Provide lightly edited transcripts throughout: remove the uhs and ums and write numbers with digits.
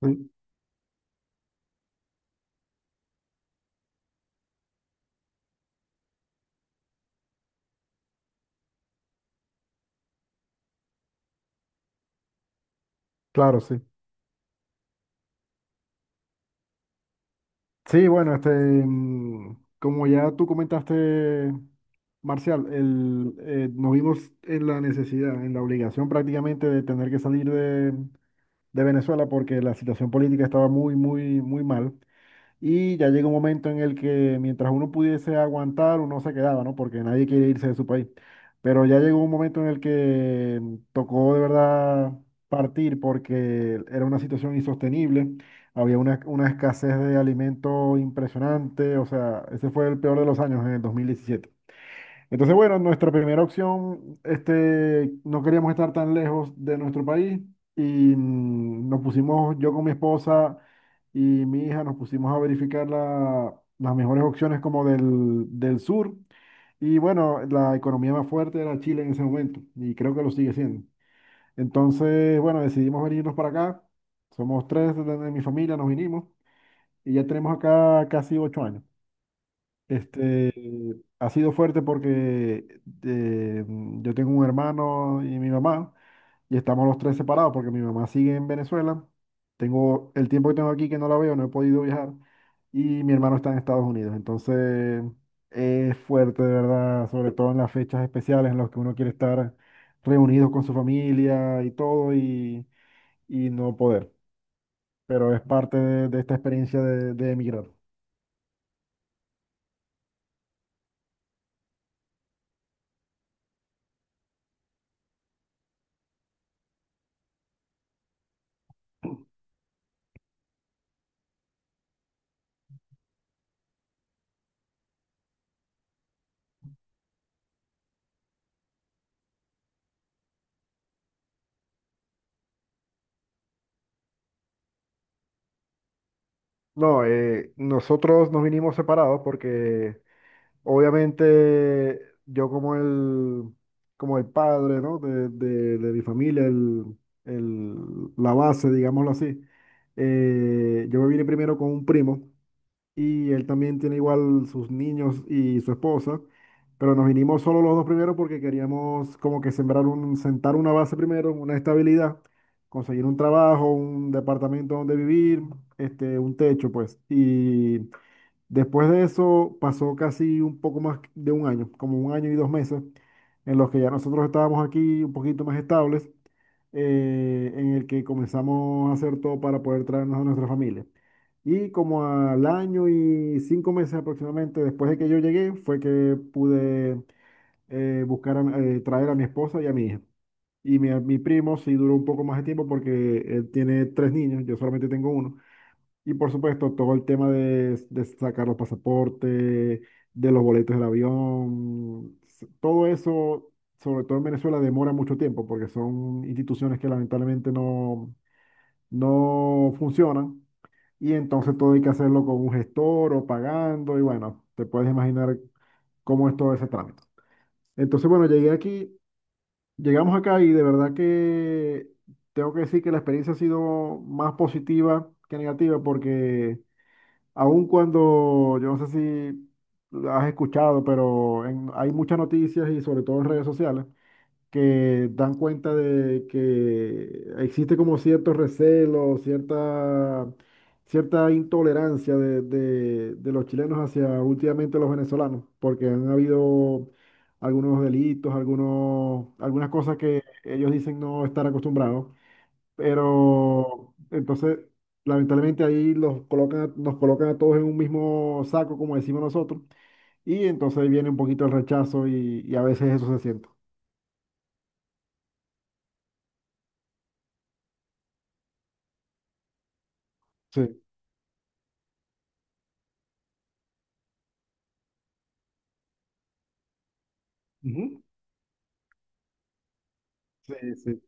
Sí, claro, sí. Sí, bueno, este, como ya tú comentaste, Marcial, nos vimos en la necesidad, en la obligación prácticamente de tener que salir de Venezuela porque la situación política estaba muy, muy, muy mal. Y ya llega un momento en el que mientras uno pudiese aguantar, uno se quedaba, ¿no? Porque nadie quiere irse de su país. Pero ya llegó un momento en el que tocó de verdad partir porque era una situación insostenible. Había una escasez de alimento impresionante. O sea, ese fue el peor de los años en el 2017. Entonces, bueno, nuestra primera opción, este, no queríamos estar tan lejos de nuestro país y nos pusimos, yo con mi esposa y mi hija, nos pusimos a verificar las mejores opciones como del sur. Y bueno, la economía más fuerte era Chile en ese momento y creo que lo sigue siendo. Entonces, bueno, decidimos venirnos para acá. Somos tres de mi familia, nos vinimos y ya tenemos acá casi 8 años. Este, ha sido fuerte porque yo tengo un hermano y mi mamá, y estamos los tres separados porque mi mamá sigue en Venezuela. Tengo el tiempo que tengo aquí que no la veo, no he podido viajar, y mi hermano está en Estados Unidos. Entonces, es fuerte, de verdad, sobre todo en las fechas especiales en las que uno quiere estar reunido con su familia y todo, y no poder. Pero es parte de esta experiencia de emigrar. No, nosotros nos vinimos separados porque obviamente yo como el padre, ¿no? de mi familia, el- la base, digámoslo así, yo me vine primero con un primo y él también tiene igual sus niños y su esposa, pero nos vinimos solo los dos primero porque queríamos como que sembrar un, sentar una base primero, una estabilidad, conseguir un trabajo, un departamento donde vivir, este, un techo, pues. Y después de eso pasó casi un poco más de un año, como un año y 2 meses, en los que ya nosotros estábamos aquí un poquito más estables, en el que comenzamos a hacer todo para poder traernos a nuestra familia. Y como al año y 5 meses aproximadamente después de que yo llegué, fue que pude buscar, traer a mi esposa y a mi hija. Y mi primo sí duró un poco más de tiempo porque él tiene tres niños, yo solamente tengo uno. Y por supuesto, todo el tema de sacar los pasaportes, de los boletos del avión, todo eso, sobre todo en Venezuela, demora mucho tiempo porque son instituciones que lamentablemente no, no funcionan. Y entonces todo hay que hacerlo con un gestor o pagando. Y bueno, te puedes imaginar cómo es todo ese trámite. Entonces, bueno, llegué aquí, llegamos acá y de verdad que tengo que decir que la experiencia ha sido más positiva que negativa porque... Aun cuando, yo no sé si lo has escuchado, pero hay muchas noticias y sobre todo en redes sociales que dan cuenta de que existe como cierto recelo, cierta, intolerancia de los chilenos hacia últimamente los venezolanos, porque han habido algunos delitos, algunos, algunas cosas que ellos dicen no estar acostumbrados. Pero entonces, lamentablemente ahí los colocan, nos colocan a todos en un mismo saco, como decimos nosotros, y entonces ahí viene un poquito el rechazo y a veces eso se siente. Sí. Ujú. Sí, sí,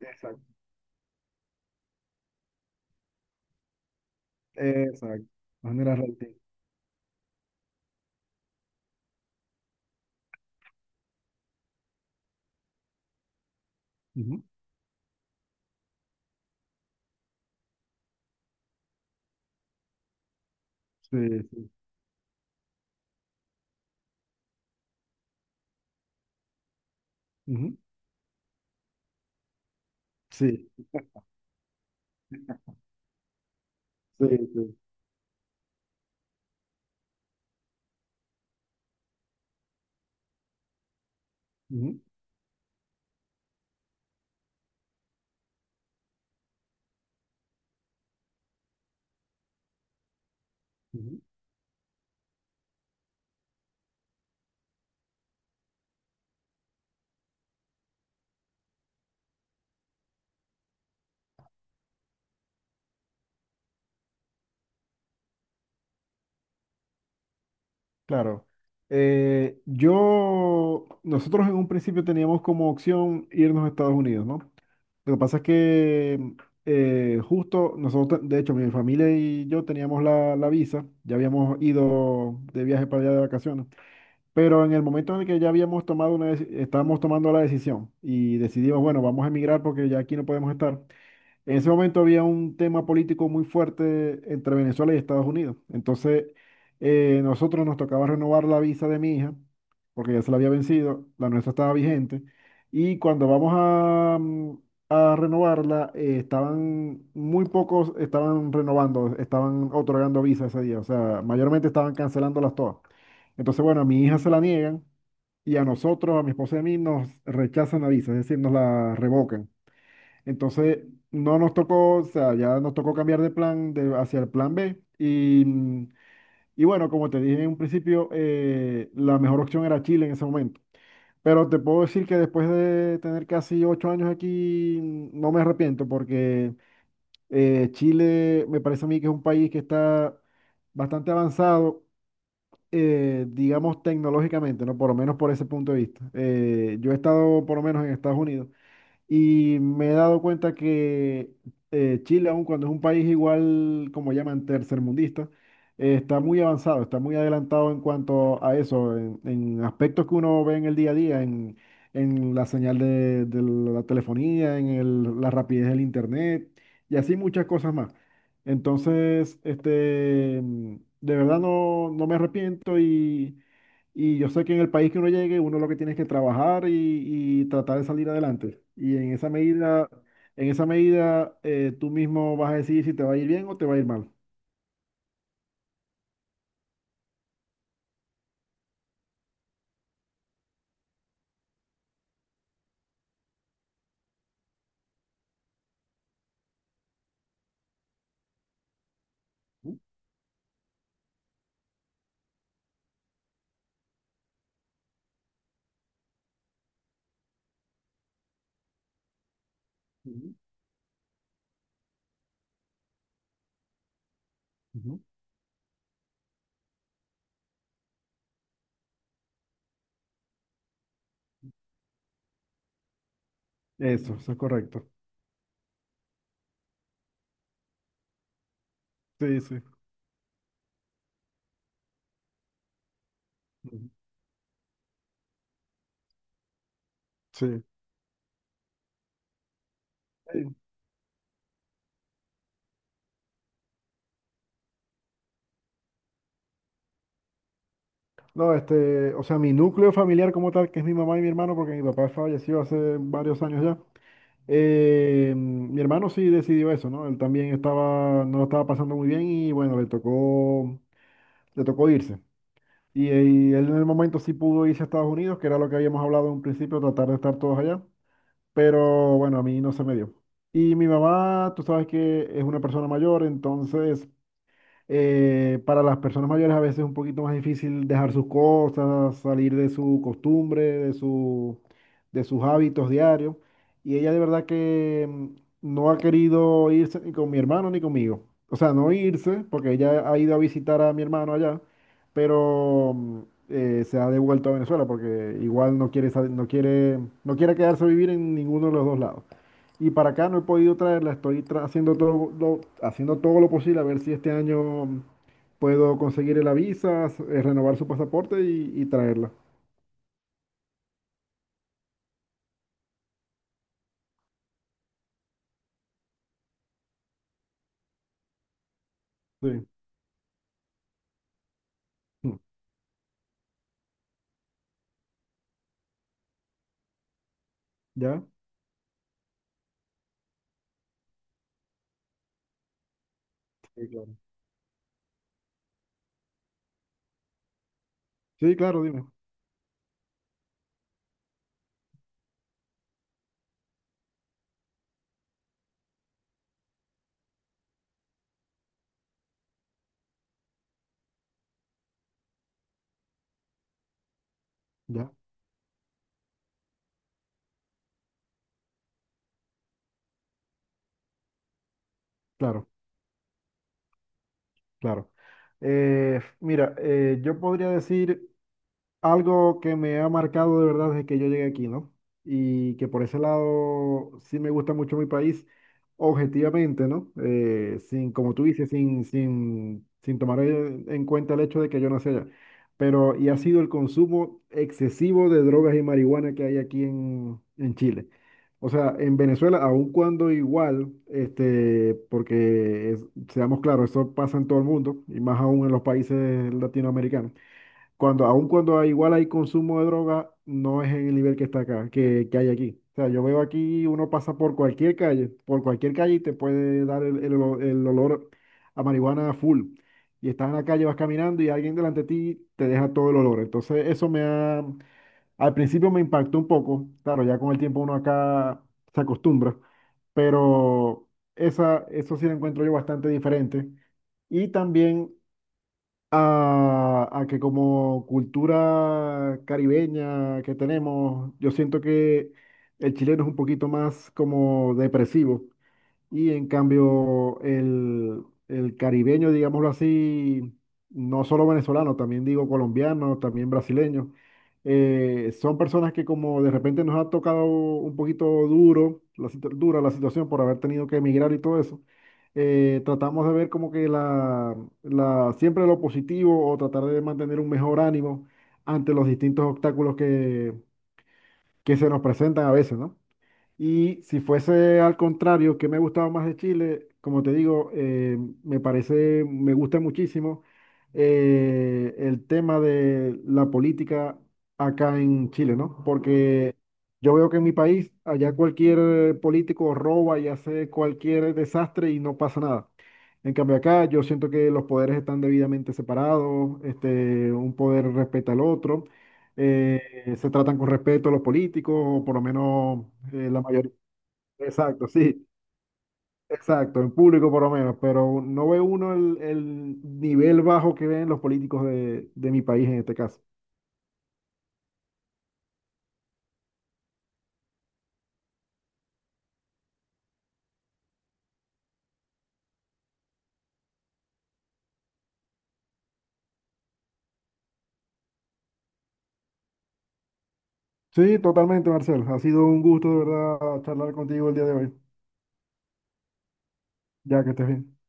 exacto. Exacto. Más de la raíz. Ujú. Sí, sí. Ujú. Sí, sí, sí. Ujú, ujú. Claro. Yo, nosotros en un principio teníamos como opción irnos a Estados Unidos, ¿no? Lo que pasa es que justo nosotros, de hecho, mi familia y yo teníamos la visa, ya habíamos ido de viaje para allá de vacaciones, pero en el momento en el que ya habíamos tomado estábamos tomando la decisión y decidimos, bueno, vamos a emigrar porque ya aquí no podemos estar, en ese momento había un tema político muy fuerte entre Venezuela y Estados Unidos. Entonces, nosotros nos tocaba renovar la visa de mi hija, porque ya se la había vencido, la nuestra estaba vigente. Y cuando vamos a renovarla, estaban muy pocos, estaban renovando, estaban otorgando visa ese día. O sea, mayormente estaban cancelándolas todas. Entonces, bueno, a mi hija se la niegan y a nosotros, a mi esposa y a mí, nos rechazan la visa, es decir, nos la revocan. Entonces, no nos tocó, o sea, ya nos tocó cambiar de plan de, hacia el plan B. Y, y bueno, como te dije en un principio, la mejor opción era Chile en ese momento. Pero te puedo decir que después de tener casi 8 años aquí, no me arrepiento porque Chile me parece a mí que es un país que está bastante avanzado, digamos, tecnológicamente, ¿no? Por lo menos por ese punto de vista. Yo he estado por lo menos en Estados Unidos. Y me he dado cuenta que Chile, aun cuando es un país igual, como llaman, tercermundista, está muy avanzado, está muy adelantado en cuanto a eso, en, aspectos que uno ve en el día a día, en la señal de la telefonía, la rapidez del internet y así muchas cosas más. Entonces, este, de verdad no, no me arrepiento y yo sé que en el país que uno llegue, uno lo que tiene es que trabajar y tratar de salir adelante. Y en esa medida, tú mismo vas a decidir si te va a ir bien o te va a ir mal. Ujú, ujú, ujú. Eso es correcto. Sí, sí. Ujú. Sí. Sí. No, este, o sea, mi núcleo familiar como tal, que es mi mamá y mi hermano, porque mi papá falleció hace varios años ya. Mi hermano sí decidió eso, ¿no? Él también estaba, no lo estaba pasando muy bien y bueno, le tocó irse. Y él en el momento sí pudo irse a Estados Unidos, que era lo que habíamos hablado en un principio, tratar de estar todos allá. Pero bueno, a mí no se me dio. Y mi mamá, tú sabes que es una persona mayor, entonces para las personas mayores a veces es un poquito más difícil dejar sus cosas, salir de su costumbre, de sus hábitos diarios. Y ella de verdad que no ha querido irse ni con mi hermano ni conmigo. O sea, no irse, porque ella ha ido a visitar a mi hermano allá, pero se ha devuelto a Venezuela porque igual no quiere, no quiere, no quiere quedarse a vivir en ninguno de los dos lados. Y para acá no he podido traerla, estoy haciendo todo lo posible a ver si este año puedo conseguir la visa, renovar su pasaporte y traerla. Sí. Mm. ¿Ya? Sí, claro. Sí, claro, dime. Ya, claro, claro. Mira, yo podría decir algo que me ha marcado de verdad desde que yo llegué aquí, ¿no? Y que por ese lado sí me gusta mucho mi país, objetivamente, ¿no? Sin, como tú dices, sin, sin, sin tomar en cuenta el hecho de que yo nací allá. Pero, y ha sido el consumo excesivo de drogas y marihuana que hay aquí en Chile. O sea, en Venezuela, aun cuando igual, este, porque seamos claros, eso pasa en todo el mundo, y más aún en los países latinoamericanos cuando, aun cuando igual hay consumo de droga, no es en el nivel que está acá, que hay aquí. O sea, yo veo aquí, uno pasa por cualquier calle y te puede dar el olor, el olor a marihuana full. Y estás en la calle, vas caminando y alguien delante de ti te deja todo el olor. Entonces, eso me ha, al principio me impactó un poco. Claro, ya con el tiempo uno acá se acostumbra, pero esa, eso sí lo encuentro yo bastante diferente. Y también a, que como cultura caribeña que tenemos, yo siento que el chileno es un poquito más como depresivo. Y en cambio, el caribeño, digámoslo así, no solo venezolano, también digo colombiano, también brasileño, son personas que como de repente nos ha tocado un poquito duro, dura la situación por haber tenido que emigrar y todo eso, tratamos de ver como que siempre lo positivo o tratar de mantener un mejor ánimo ante los distintos obstáculos que se nos presentan a veces, ¿no? ¿Y si fuese al contrario, que me gustaba más de Chile? Como te digo, me parece, me gusta muchísimo el tema de la política acá en Chile, ¿no? Porque yo veo que en mi país, allá cualquier político roba y hace cualquier desastre y no pasa nada. En cambio acá yo siento que los poderes están debidamente separados, este, un poder respeta al otro. eh, se tratan con respeto a los políticos, o por lo menos la mayoría. Exacto, sí, exacto, en público por lo menos, pero no ve uno el nivel bajo que ven los políticos de, mi país en este caso. Sí, totalmente, Marcel. Ha sido un gusto de verdad charlar contigo el día de hoy, ya que estés bien.